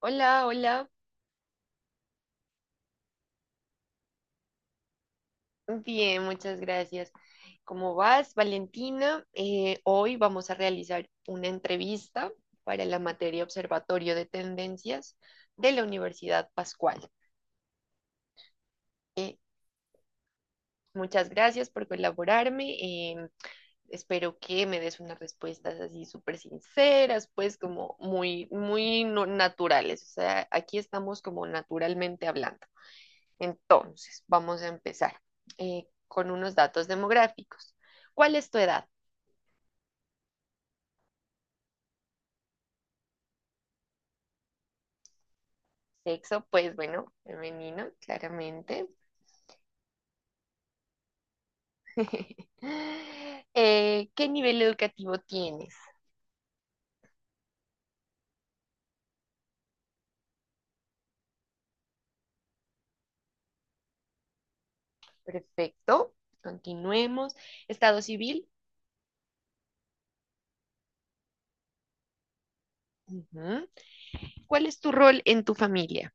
Hola, hola. Bien, muchas gracias. ¿Cómo vas, Valentina? Hoy vamos a realizar una entrevista para la materia Observatorio de Tendencias de la Universidad Pascual. Eh, Muchas gracias por colaborarme. Espero que me des unas respuestas así súper sinceras, pues como muy, muy no- naturales. O sea, aquí estamos como naturalmente hablando. Entonces, vamos a empezar con unos datos demográficos. ¿Cuál es tu edad? Sexo, pues bueno, femenino, claramente. ¿Qué nivel educativo tienes? Perfecto. Continuemos. Estado civil. Ujú. ¿Cuál es tu rol en tu familia?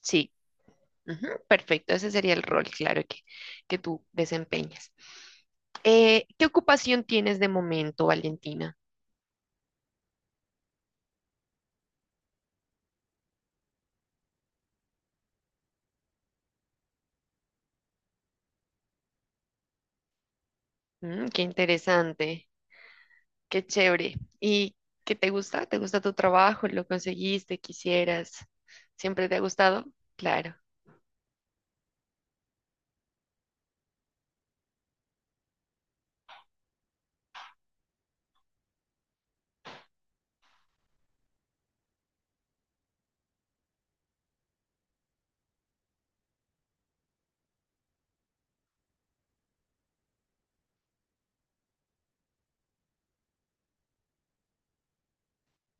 Sí. Ujú, perfecto. Ese sería el rol, claro, que tú desempeñas. ¿Qué ocupación tienes de momento, Valentina? Mm, qué interesante. Qué chévere. ¿Y qué te gusta? ¿Te gusta tu trabajo? ¿Lo conseguiste? ¿Quisieras? ¿Siempre te ha gustado? Claro.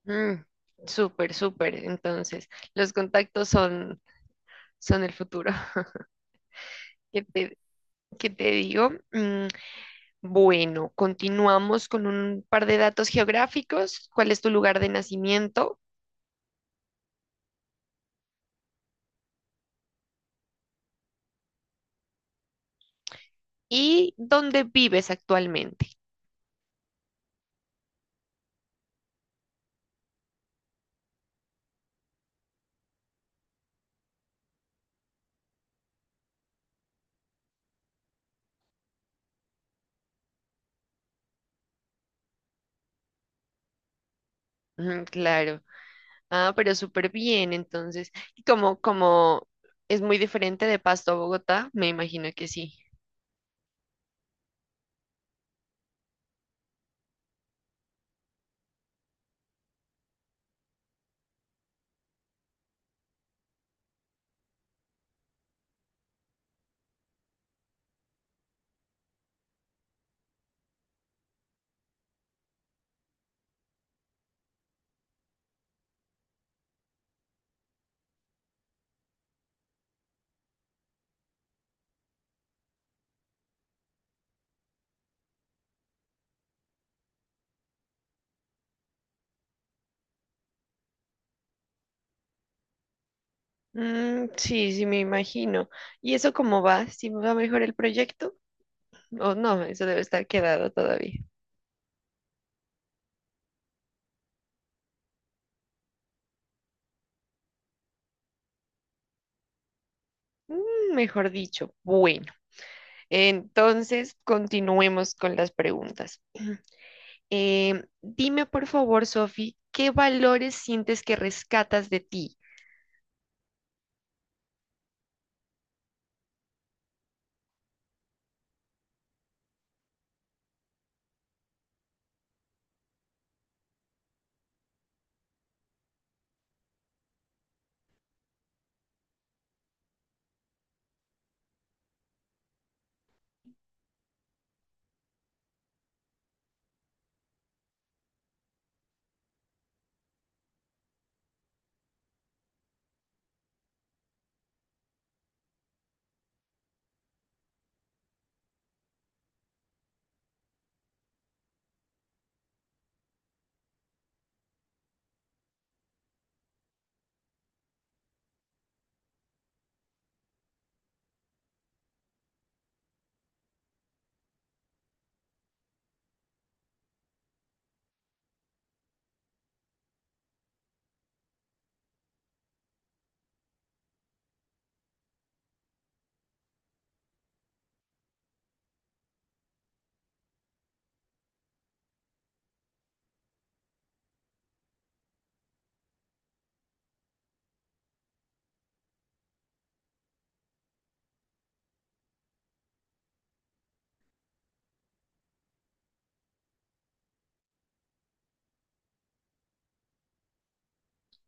Mm, súper, súper. Entonces, los contactos son, son el futuro. ¿Qué te, ¿Qué te digo? Mm, bueno, continuamos con un par de datos geográficos. ¿Cuál es tu lugar de nacimiento y dónde vives actualmente? Mm, claro. Ah, pero súper bien, entonces, y como es muy diferente de Pasto a Bogotá, me imagino que sí. Mm, sí, sí, me imagino. ¿Y eso cómo va? ¿Si va mejor el proyecto? O no, eso debe estar quedado todavía. Mm, mejor dicho, bueno. Entonces, continuemos con las preguntas. Dime, por favor, Sofi, ¿qué valores sientes que rescatas de ti?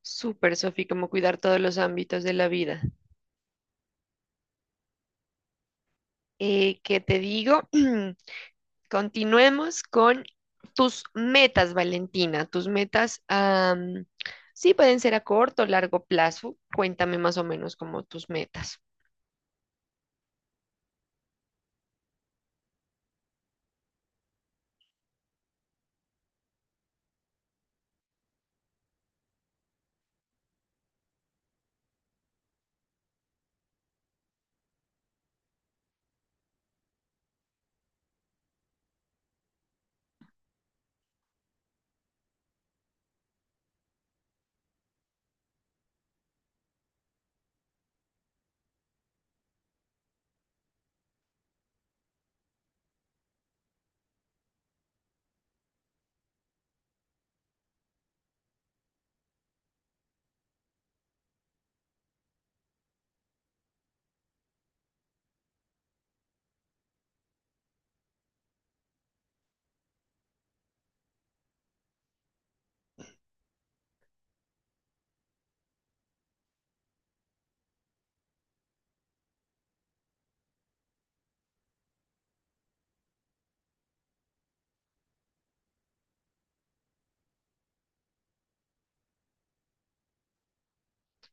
Súper, Sofi, como cuidar todos los ámbitos de la vida. ¿Qué te digo? Continuemos con tus metas, Valentina. Tus metas, sí, pueden ser a corto o largo plazo. Cuéntame más o menos como tus metas.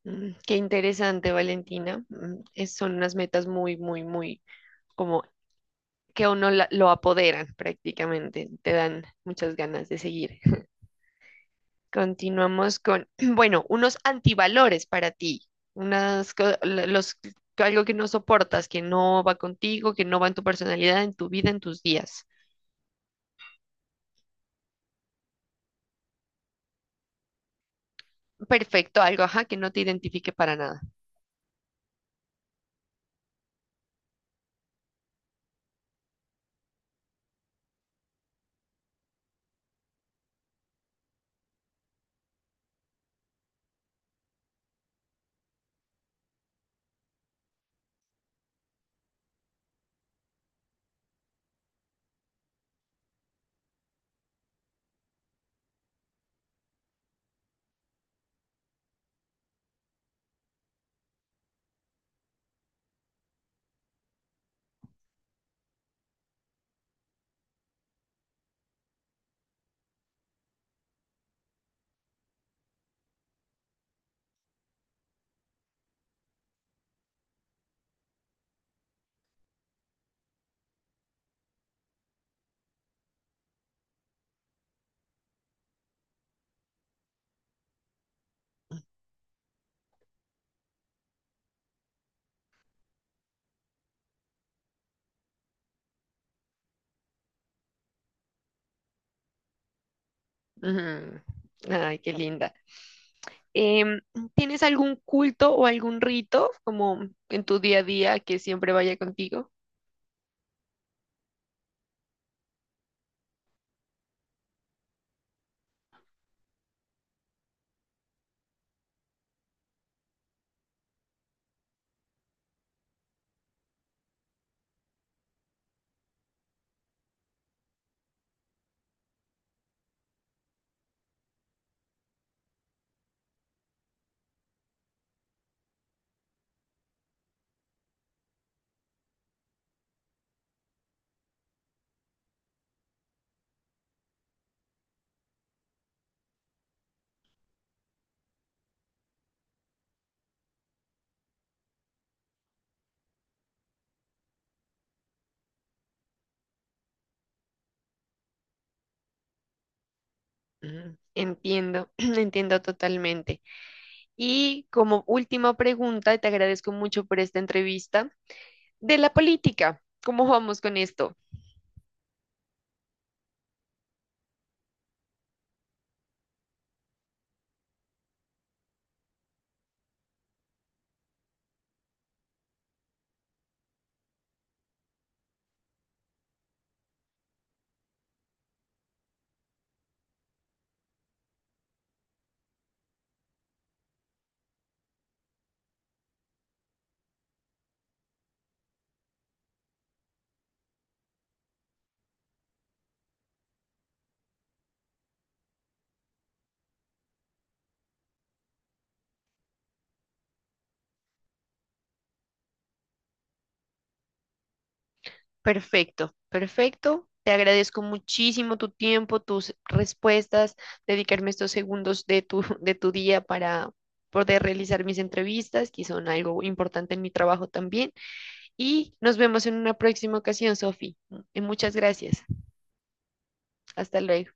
Mm, qué interesante, Valentina. Mm, son unas metas muy como que a uno lo apoderan prácticamente. Te dan muchas ganas de seguir. Continuamos con, bueno, unos antivalores para ti, unas, co- la- los, algo que no soportas, que no va contigo, que no va en tu personalidad, en tu vida, en tus días. Perfecto, algo, ajá, que no te identifique para nada. Ujú. Ay, qué linda. Em, ¿Tienes algún culto o algún rito como en tu día a día que siempre vaya contigo? Mm, entiendo, entiendo totalmente. Y como última pregunta, te agradezco mucho por esta entrevista de la política. ¿Cómo vamos con esto? Perfecto, perfecto. Te agradezco muchísimo tu tiempo, tus respuestas, dedicarme estos segundos de tu, de tu día para poder realizar mis entrevistas, que son algo importante en mi trabajo también. Y nos vemos en una próxima ocasión, Sofi. Muchas gracias. Hasta luego.